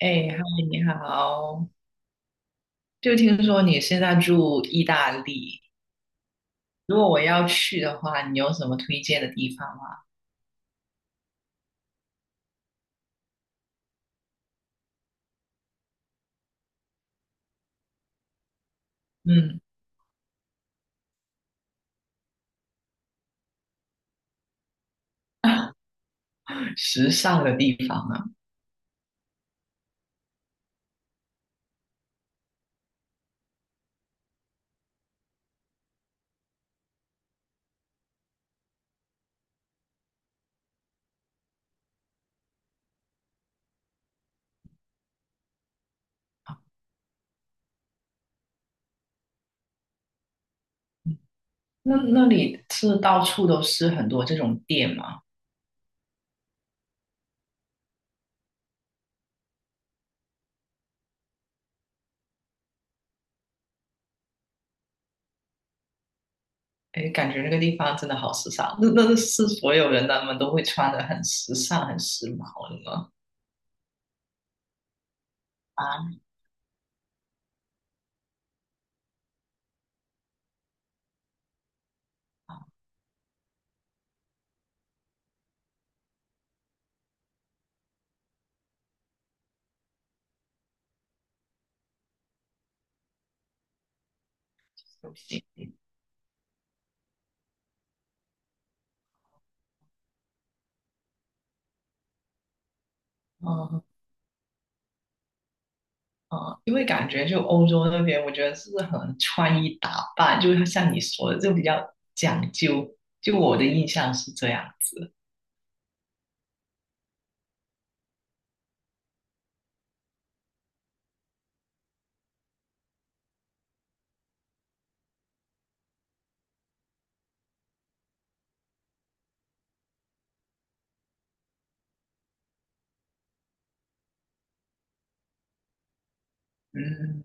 哎，嗨，你好！就听说你现在住意大利，如果我要去的话，你有什么推荐的地方吗？嗯，时尚的地方啊，嗯那里是到处都是很多这种店吗？哎，感觉那个地方真的好时尚，那是所有人他们都会穿的很时尚、很时髦的吗？啊，啊，对不起，嗯，因为感觉就欧洲那边，我觉得是很穿衣打扮，就是像你说的，就比较讲究。就我的印象是这样子，嗯，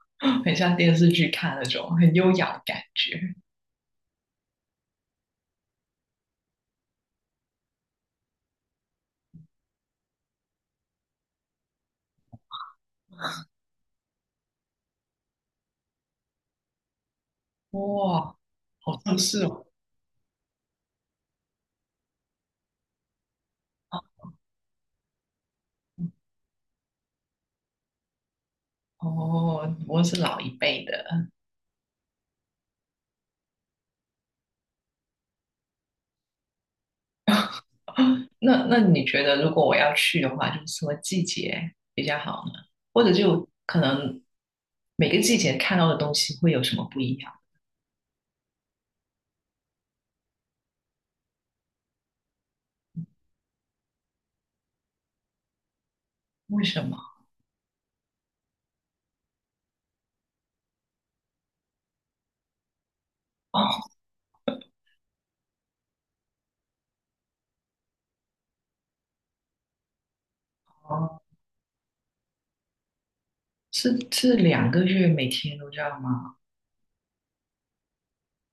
很像电视剧看那种很优雅的感觉。哇，好像是哦！哦，不过是老一辈的。那你觉得，如果我要去的话，就是什么季节比较好呢？或者就可能每个季节看到的东西会有什么不一样？为什么？哦，是两个月每天都这样吗？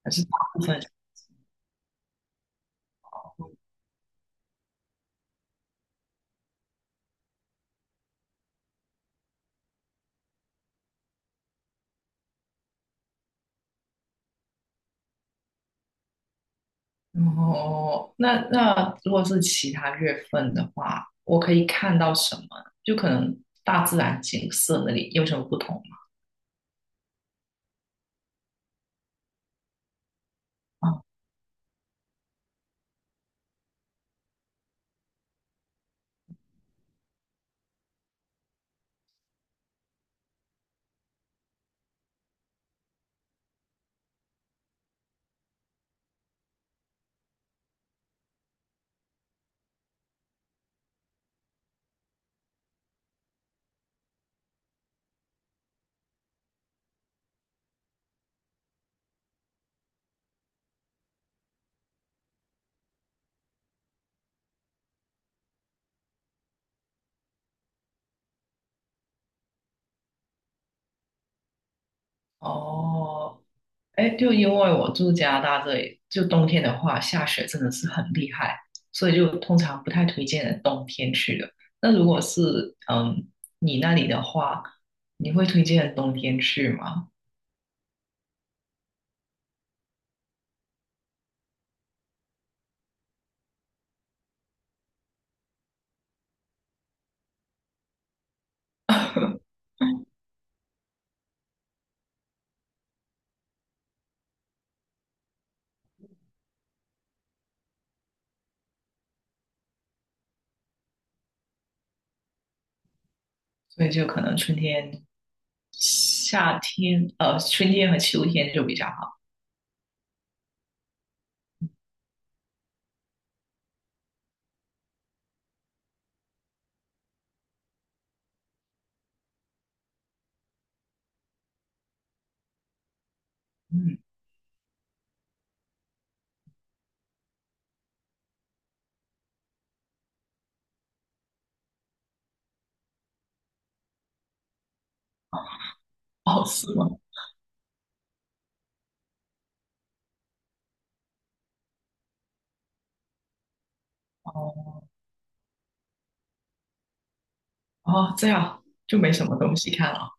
还是大部分？哦，那如果是其他月份的话，我可以看到什么？就可能大自然景色那里有什么不同吗？啊，哦，哎，就因为我住加拿大这里，就冬天的话，下雪真的是很厉害，所以就通常不太推荐人冬天去的。那如果是你那里的话，你会推荐人冬天去吗？所以就可能春天夏天，春天和秋天就比较好。嗯，哦，是吗？哦，哦，这样就没什么东西看了。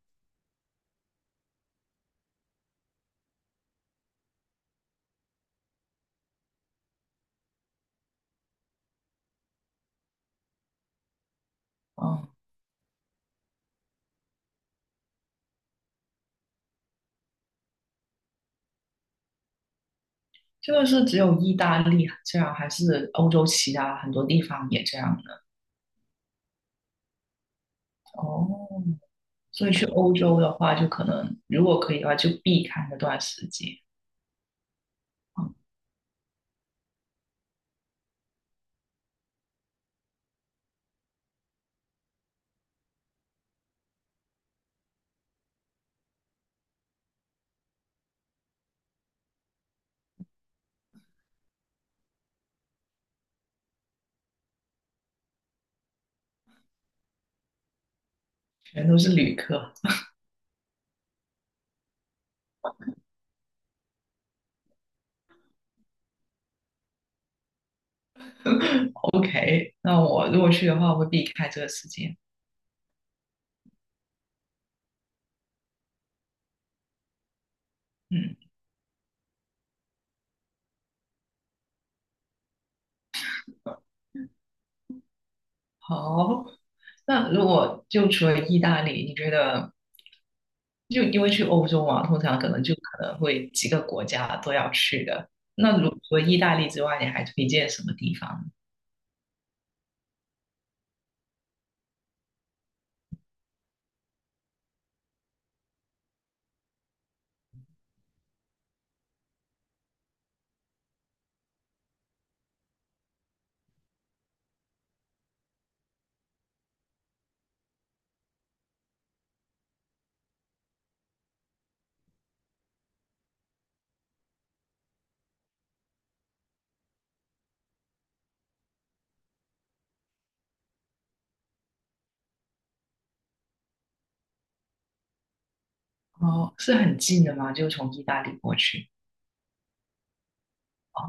嗯，这个是只有意大利这样，还是欧洲其他很多地方也这样的？哦，所以去欧洲的话，就可能如果可以的话，就避开那段时间。嗯，全都是旅客。OK，那我如果去的话，我会避开这个时间。嗯。好，那如果就除了意大利，你觉得就因为去欧洲嘛，通常可能会几个国家都要去的。那如除了意大利之外，你还推荐什么地方？哦，是很近的吗？就从意大利过去？哦，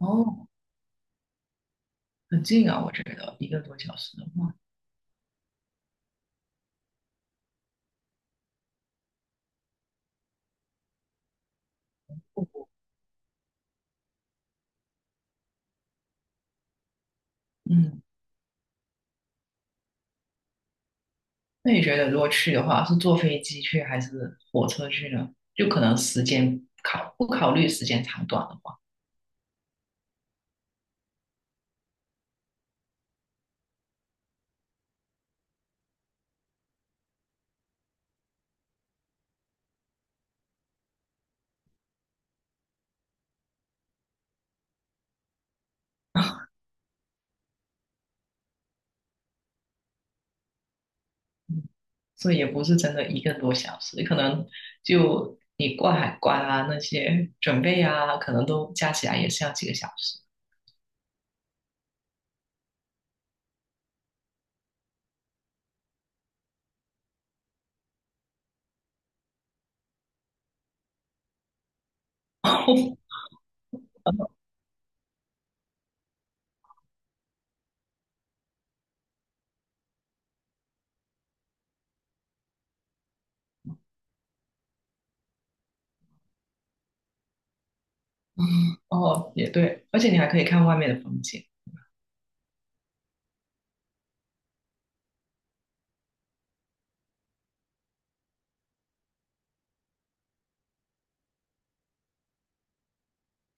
哦，很近啊，我觉得一个多小时的话，嗯，那你觉得如果去的话，是坐飞机去还是火车去呢？就可能时间考不考虑时间长短的话，所以也不是真的一个多小时，可能就你过海关啊那些准备啊，可能都加起来也是要几个小时。哦，也对，而且你还可以看外面的风景。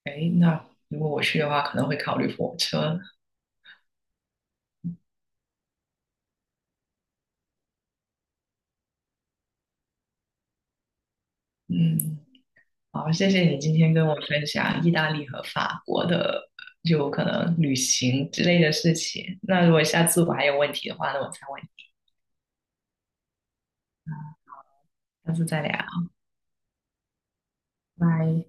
诶，那如果我去的话，可能会考虑火车。嗯，好，谢谢你今天跟我分享意大利和法国的，就可能旅行之类的事情。那如果下次我还有问题的话，那我再问你，下次再聊，拜。